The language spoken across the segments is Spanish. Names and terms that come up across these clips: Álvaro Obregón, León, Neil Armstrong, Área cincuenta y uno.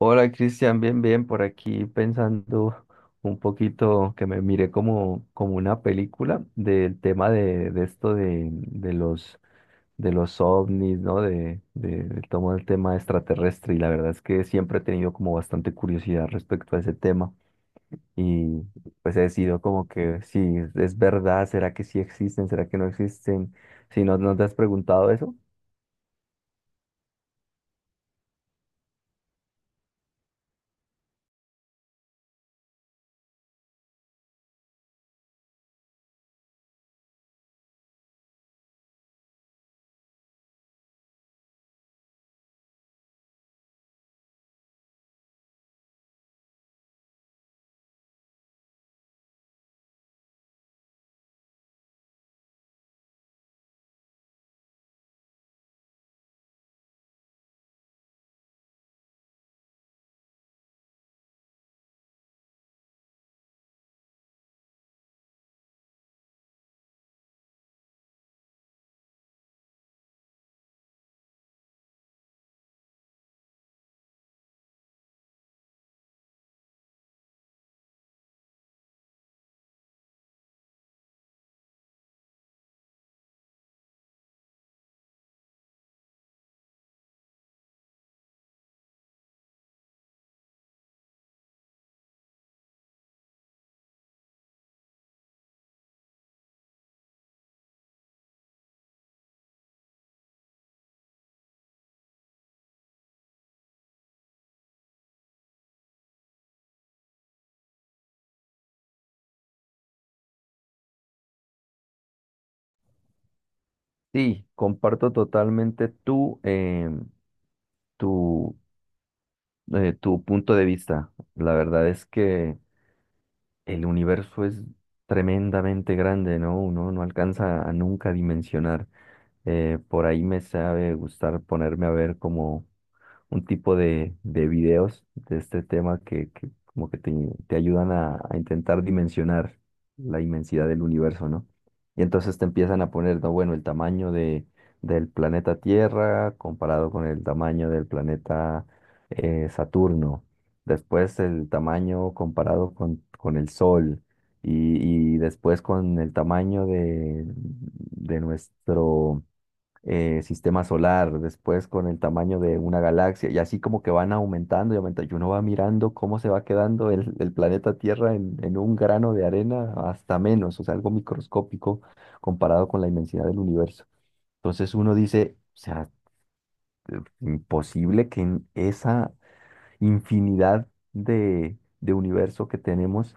Hola Cristian, bien, bien, por aquí pensando un poquito que me miré como una película del tema de esto de los ovnis, ¿no? De todo el tema extraterrestre, y la verdad es que siempre he tenido como bastante curiosidad respecto a ese tema, y pues he decidido como que si es verdad, ¿será que sí existen? ¿Será que no existen? Si no, ¿no te has preguntado eso? Sí, comparto totalmente tú. Tu, tu punto de vista. La verdad es que el universo es tremendamente grande, ¿no? Uno no alcanza a nunca dimensionar. Por ahí me sabe gustar ponerme a ver como un tipo de videos de este tema que como que te ayudan a intentar dimensionar la inmensidad del universo, ¿no? Y entonces te empiezan a poner, no, bueno, el tamaño del planeta Tierra comparado con el tamaño del planeta Saturno, después el tamaño comparado con el Sol. Y después con el tamaño de nuestro, sistema solar, después con el tamaño de una galaxia, y así como que van aumentando y aumentando, y uno va mirando cómo se va quedando el planeta Tierra en un grano de arena hasta menos, o sea, algo microscópico comparado con la inmensidad del universo. Entonces uno dice, o sea, imposible que en esa infinidad de universo que tenemos,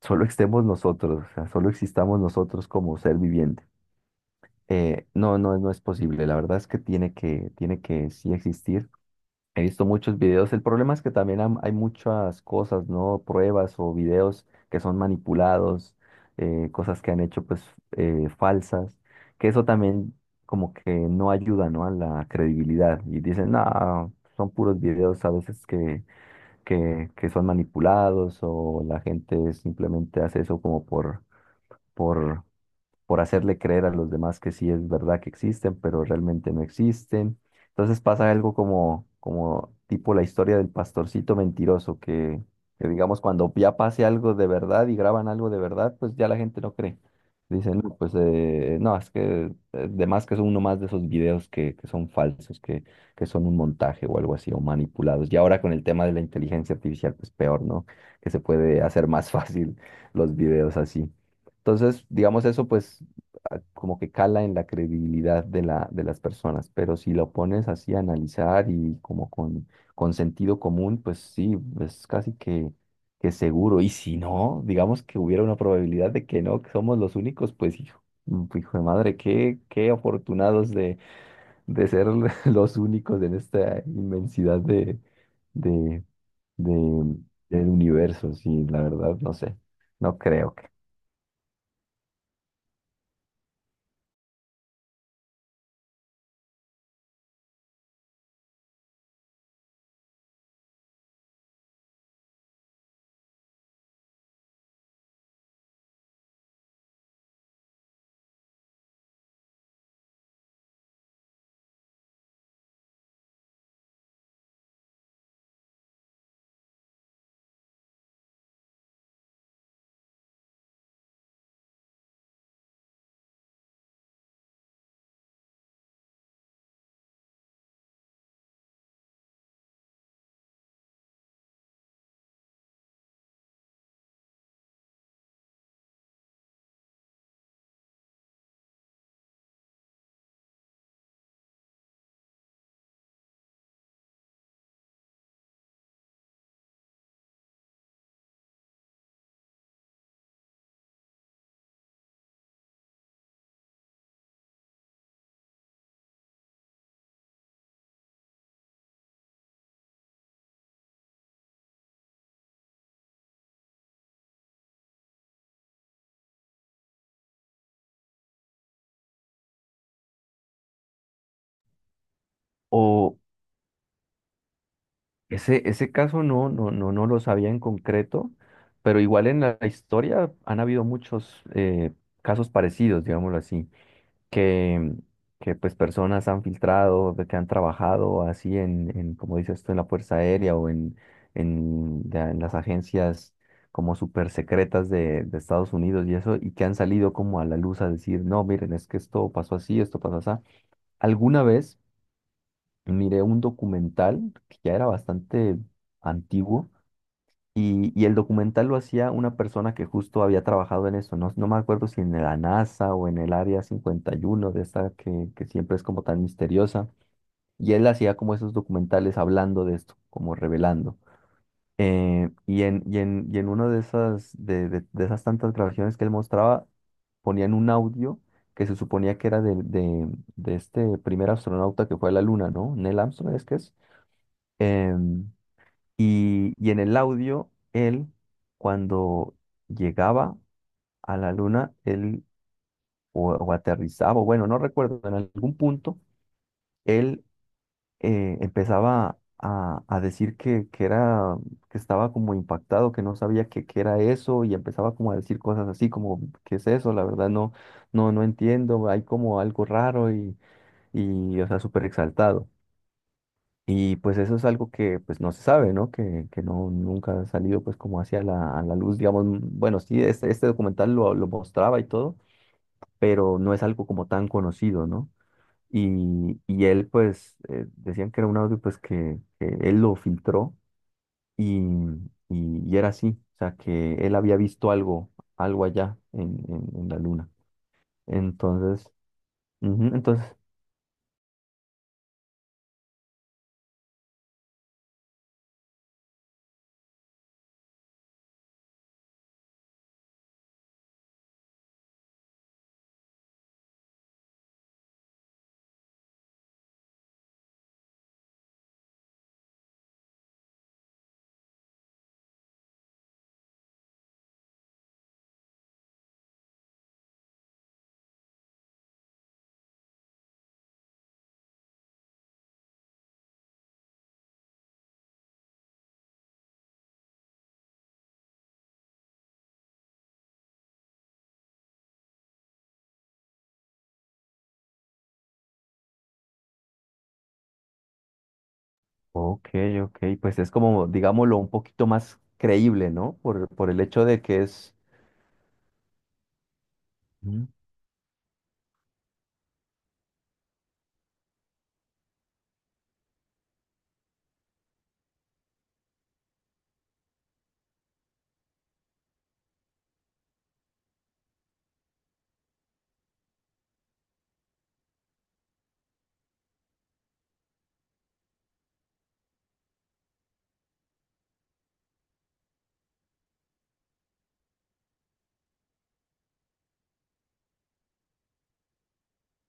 solo estemos nosotros, o sea, solo existamos nosotros como ser viviente. No, no, no es posible. La verdad es que tiene que sí existir. He visto muchos videos. El problema es que también hay muchas cosas, ¿no? Pruebas o videos que son manipulados, cosas que han hecho pues falsas, que eso también como que no ayuda, ¿no? A la credibilidad. Y dicen, no, son puros videos a veces que son manipulados, o la gente simplemente hace eso como por por hacerle creer a los demás que sí es verdad que existen, pero realmente no existen. Entonces pasa algo como tipo la historia del pastorcito mentiroso, que digamos cuando ya pase algo de verdad y graban algo de verdad, pues ya la gente no cree. Dicen, no, pues no, es que además que es uno más de esos videos que, son falsos, que son un montaje o algo así, o manipulados. Y ahora con el tema de la inteligencia artificial, pues peor, ¿no? Que se puede hacer más fácil los videos así. Entonces, digamos eso, pues como que cala en la credibilidad de las personas, pero si lo pones así a analizar y como con sentido común, pues sí, es casi que seguro. Y si no, digamos que hubiera una probabilidad de que no, que somos los únicos, pues hijo de madre, qué afortunados de ser los únicos en esta inmensidad de, de, del universo. Sí, la verdad, no sé, no creo que. O, ese caso no, no, no, no lo sabía en concreto, pero igual en la historia han habido muchos casos parecidos, digámoslo así, que, que pues personas han filtrado, de que han trabajado así en como dices tú, en la Fuerza Aérea o en ya en las agencias como súper secretas de Estados Unidos y eso, y que han salido como a la luz a decir, no, miren, es que esto pasó así, esto pasó así. ¿Alguna vez? Miré un documental que ya era bastante antiguo, y el documental lo hacía una persona que justo había trabajado en eso, no me acuerdo si en la NASA o en el Área 51, de esta que siempre es como tan misteriosa, y él hacía como esos documentales hablando de esto, como revelando. Y en una de esas tantas grabaciones que él mostraba, ponían un audio que se suponía que era de este primer astronauta que fue a la Luna, ¿no? Neil Armstrong, ¿es que es? Em, y en el audio, él, cuando llegaba a la luna, él o aterrizaba, o bueno, no recuerdo, en algún punto, él empezaba a decir que era, que estaba como impactado, que no sabía qué era eso, y empezaba como a decir cosas así, como, ¿qué es eso? La verdad no, no, no entiendo, hay como algo raro, y o sea, súper exaltado. Y pues eso es algo que pues no se sabe, ¿no? Que no, nunca ha salido pues como a la luz, digamos, bueno, sí, este, documental lo mostraba y todo, pero no es algo como tan conocido, ¿no? Y él pues decían que era un audio pues que él lo filtró, y, y era así, o sea, que él había visto algo, allá en la luna. Entonces, ujú, entonces, ok, ok, pues es como, digámoslo, un poquito más creíble, ¿no? Por el hecho de que es. Ujú.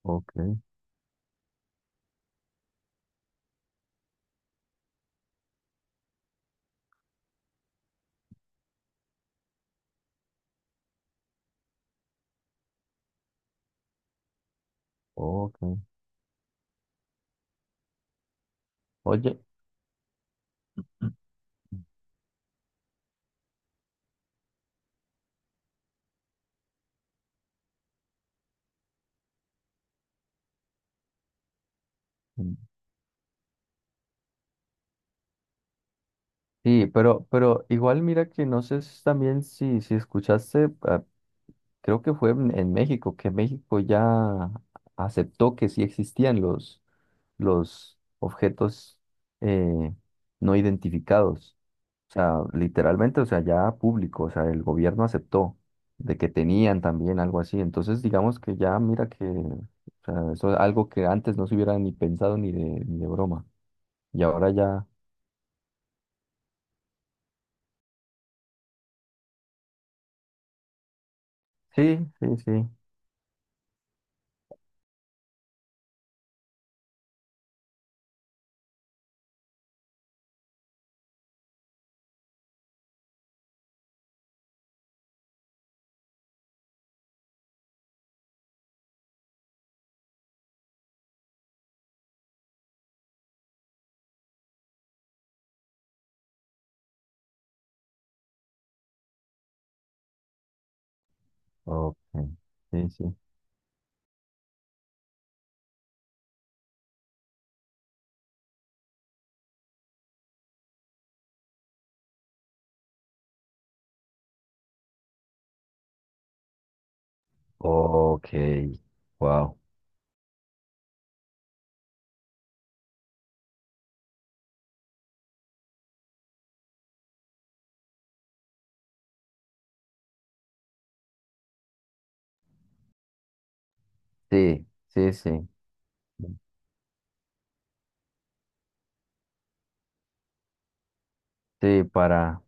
Ok, ok. Oye, mm, sí, pero igual mira que no sé si también si escuchaste, creo que fue en México, que México ya aceptó que sí existían los objetos eh, no identificados. O sea, literalmente, o sea, ya público, o sea, el gobierno aceptó de que tenían también algo así. Entonces, digamos que ya mira que, o sea, eso es algo que antes no se hubiera ni pensado ni de broma. Y ahora ya, sí, sí, sí, ok, sí, sí, ok, wow. Sí, sí, sí, sí, para.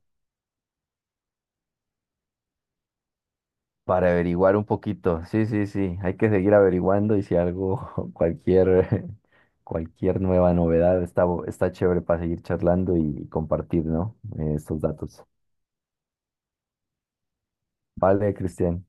Para averiguar un poquito. Sí, sí, sí. Hay que seguir averiguando y si algo, cualquier, cualquier nueva novedad está, está chévere para seguir charlando y compartir, ¿no? Estos datos. Vale, Cristian.